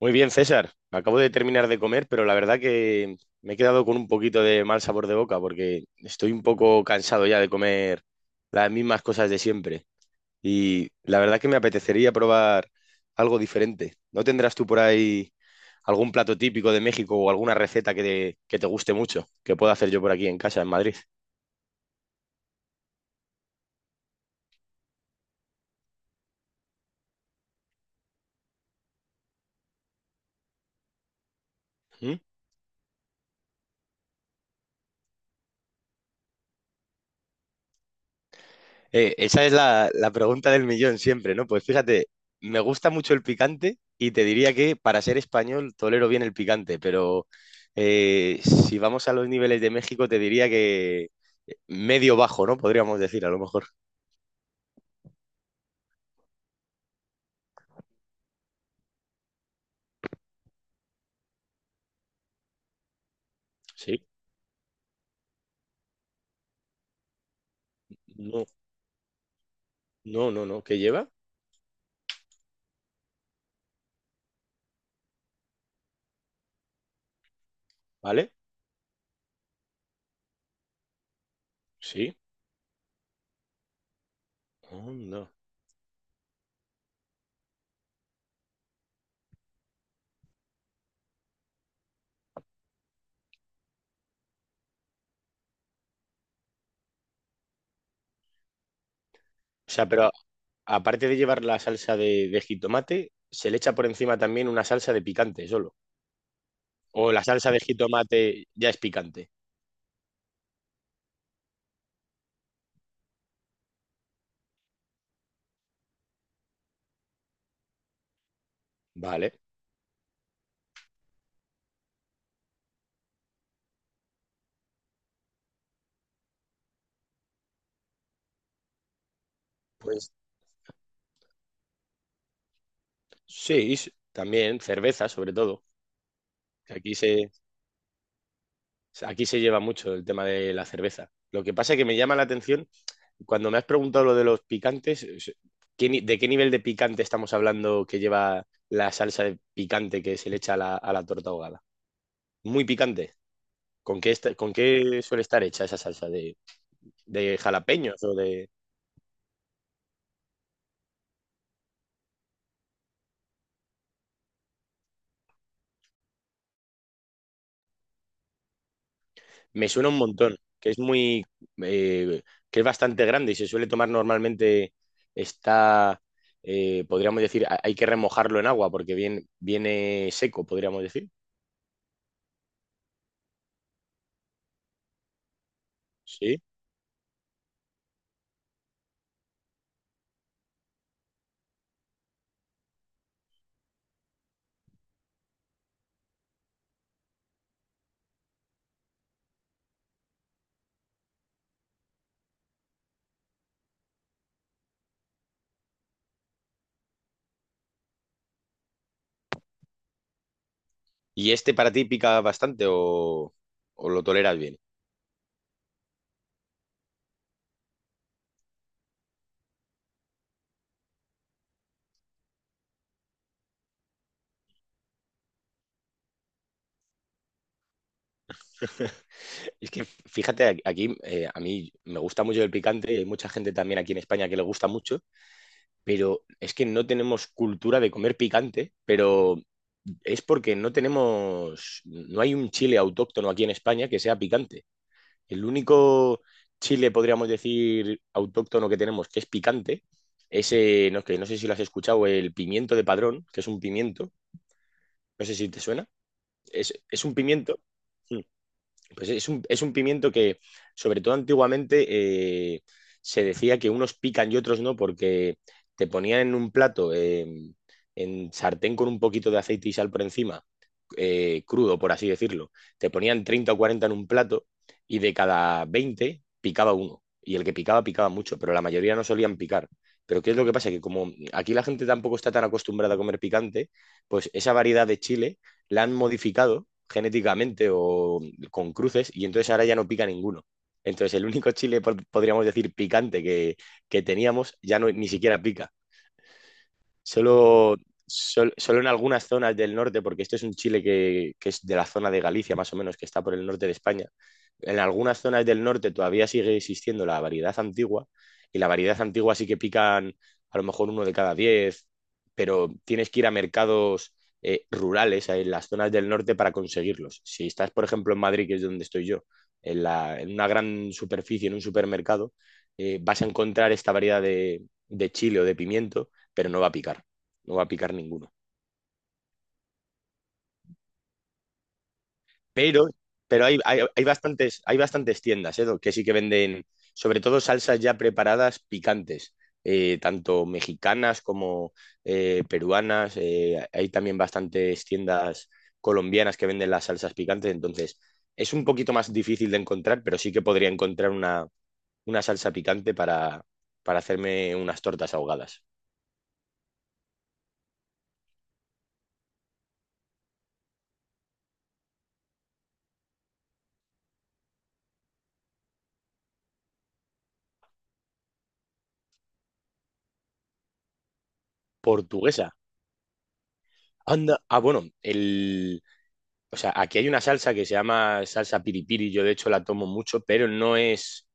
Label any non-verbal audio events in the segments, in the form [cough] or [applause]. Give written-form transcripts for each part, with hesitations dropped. Muy bien, César. Acabo de terminar de comer, pero la verdad que me he quedado con un poquito de mal sabor de boca porque estoy un poco cansado ya de comer las mismas cosas de siempre. Y la verdad que me apetecería probar algo diferente. ¿No tendrás tú por ahí algún plato típico de México o alguna receta que te guste mucho que pueda hacer yo por aquí en casa, en Madrid? Esa es la pregunta del millón siempre, ¿no? Pues fíjate, me gusta mucho el picante y te diría que para ser español tolero bien el picante, pero si vamos a los niveles de México te diría que medio bajo, ¿no? Podríamos decir a lo mejor. Sí, no, no, no, no. ¿Qué lleva? ¿Vale? Sí. Oh, no. O sea, pero aparte de llevar la salsa de jitomate, se le echa por encima también una salsa de picante solo. O la salsa de jitomate ya es picante. Vale. Pues sí, también cerveza, sobre todo. que Aquí se, aquí se lleva mucho el tema de la cerveza. Lo que pasa es que me llama la atención, cuando me has preguntado lo de los picantes, es- ¿qué ni- ¿de qué nivel de picante estamos hablando que lleva la salsa de picante que se le echa a la torta ahogada? Muy picante. ¿Con qué suele estar hecha esa salsa? ¿De jalapeños o de...? Me suena un montón, eh, que es bastante grande y se suele tomar normalmente, está, podríamos decir, hay que remojarlo en agua porque viene, viene seco, podríamos decir. Sí. ¿Y este para ti pica bastante o lo toleras bien? [laughs] Es que fíjate, aquí, a mí me gusta mucho el picante, y hay mucha gente también aquí en España que le gusta mucho, pero es que no tenemos cultura de comer picante, pero es porque no tenemos, no hay un chile autóctono aquí en España que sea picante. El único chile, podríamos decir, autóctono que tenemos que es picante, ese, no, que no sé si lo has escuchado, el pimiento de padrón, que es un pimiento, no sé si te suena, es un pimiento, mm, pues es un pimiento que, sobre todo antiguamente, eh, se decía que unos pican y otros no, porque te ponían en un plato, en sartén con un poquito de aceite y sal por encima, crudo, por así decirlo. Te ponían 30 o 40 en un plato y de cada 20 picaba uno. Y el que picaba, picaba mucho, pero la mayoría no solían picar. Pero ¿qué es lo que pasa? Que como aquí la gente tampoco está tan acostumbrada a comer picante, pues esa variedad de chile la han modificado genéticamente o con cruces y entonces ahora ya no pica ninguno. Entonces el único chile, podríamos decir, picante que teníamos ya no, ni siquiera pica. Solo, solo en algunas zonas del norte, porque este es un chile que es de la zona de Galicia, más o menos, que está por el norte de España. En algunas zonas del norte todavía sigue existiendo la variedad antigua, y la variedad antigua sí que pican a lo mejor uno de cada 10, pero tienes que ir a mercados rurales en las zonas del norte para conseguirlos. Si estás, por ejemplo, en Madrid, que es donde estoy yo, en una gran superficie, en un supermercado, vas a encontrar esta variedad de chile o de pimiento, pero no va a picar, no va a picar ninguno. Pero, pero hay bastantes tiendas, ¿eh, Doc?, que sí que venden, sobre todo salsas ya preparadas picantes, tanto mexicanas como peruanas. Hay también bastantes tiendas colombianas que venden las salsas picantes, entonces es un poquito más difícil de encontrar, pero sí que podría encontrar una salsa picante para hacerme unas tortas ahogadas. Portuguesa. Anda, ah, bueno, el o sea, aquí hay una salsa que se llama salsa piripiri, yo de hecho la tomo mucho, pero no es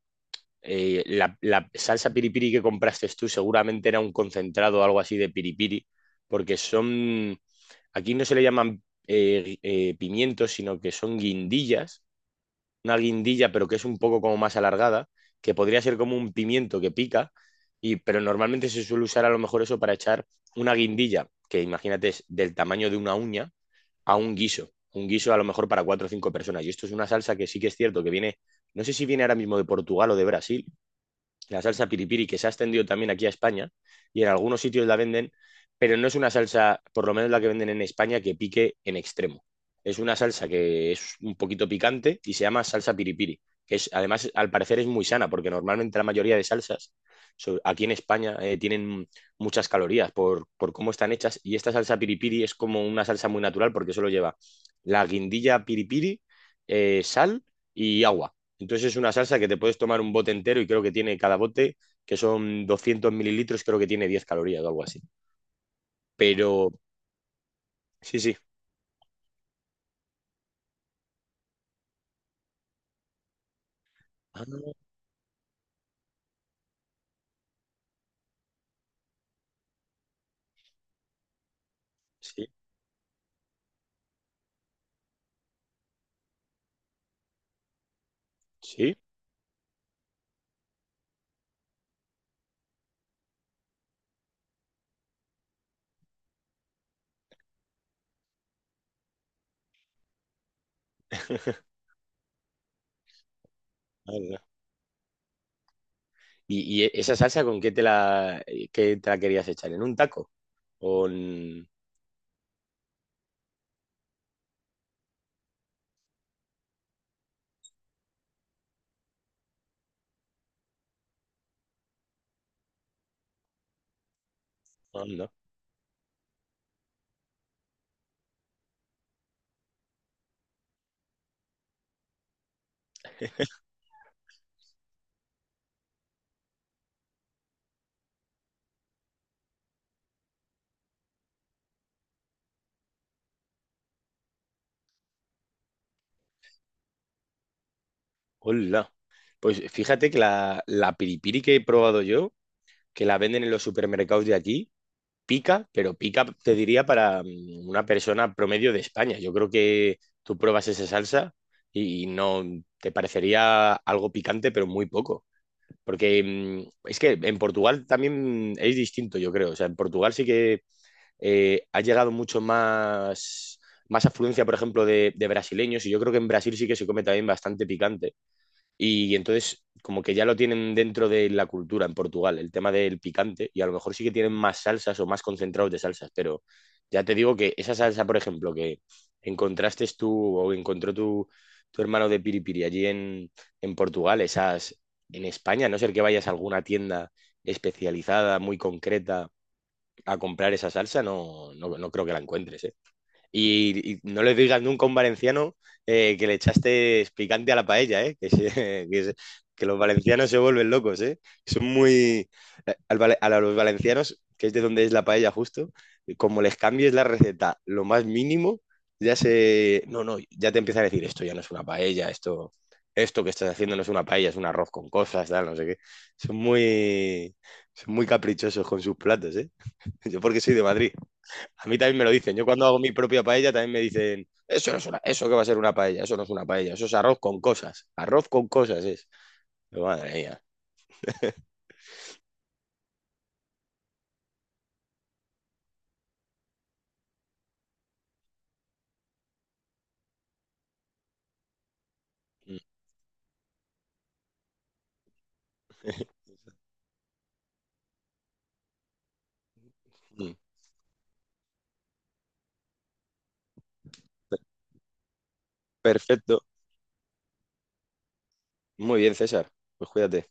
la salsa piripiri que compraste tú, seguramente era un concentrado o algo así de piripiri, porque son, aquí no se le llaman pimientos, sino que son guindillas, una guindilla pero que es un poco como más alargada, que podría ser como un pimiento que pica, pero normalmente se suele usar a lo mejor eso para echar una guindilla, que imagínate es del tamaño de una uña a un guiso, a lo mejor para 4 o 5 personas. Y esto es una salsa que sí que es cierto que viene, no sé si viene ahora mismo de Portugal o de Brasil, la salsa piripiri, que se ha extendido también aquí a España y en algunos sitios la venden, pero no es una salsa, por lo menos la que venden en España, que pique en extremo. Es una salsa que es un poquito picante y se llama salsa piripiri, que es, además al parecer es muy sana, porque normalmente la mayoría de salsas aquí en España tienen muchas calorías por cómo están hechas y esta salsa piripiri es como una salsa muy natural porque solo lleva la guindilla piripiri, sal y agua. Entonces es una salsa que te puedes tomar un bote entero y creo que tiene cada bote, que son 200 mililitros, creo que tiene 10 calorías o algo así. Pero sí, sí. Ah, sí, sí. [laughs] Anda. Y esa salsa con qué te la querías echar? ¿En un taco? ¿O en... Anda. Hola. Pues fíjate que la piripiri que he probado yo, que la venden en los supermercados de aquí, pica, pero pica, te diría, para una persona promedio de España. Yo creo que tú pruebas esa salsa y no te parecería algo picante, pero muy poco. Porque es que en Portugal también es distinto, yo creo. O sea, en Portugal sí que ha llegado mucho más afluencia, por ejemplo, de brasileños. Y yo creo que en Brasil sí que se come también bastante picante. Y entonces, como que ya lo tienen dentro de la cultura en Portugal, el tema del picante, y a lo mejor sí que tienen más salsas o más concentrados de salsas, pero ya te digo que esa salsa, por ejemplo, que encontraste tú o encontró tu hermano de Piripiri allí en Portugal, esas en España, a no ser que vayas a alguna tienda especializada, muy concreta, a comprar esa salsa, no, no, no creo que la encuentres, ¿eh? Y no le digas nunca a un valenciano que le echaste picante a la paella, ¿eh? [laughs] Que se- que los valencianos se vuelven locos, ¿eh? Son muy... a los valencianos, que es de donde es la paella justo, como les cambies la receta lo más mínimo, ya se... No, no, ya te empiezan a decir, esto ya no es una paella, esto... Esto que estás haciendo no es una paella, es un arroz con cosas, tal, no sé qué. Son muy, son muy caprichosos con sus platos, ¿eh? [laughs] Yo porque soy de Madrid. A mí también me lo dicen. Yo cuando hago mi propia paella también me dicen, eso no es una, eso que va a ser una paella, eso no es una paella, eso es arroz con cosas. Arroz con cosas es. Madre mía. [laughs] Perfecto. Muy bien, César. Pues cuídate.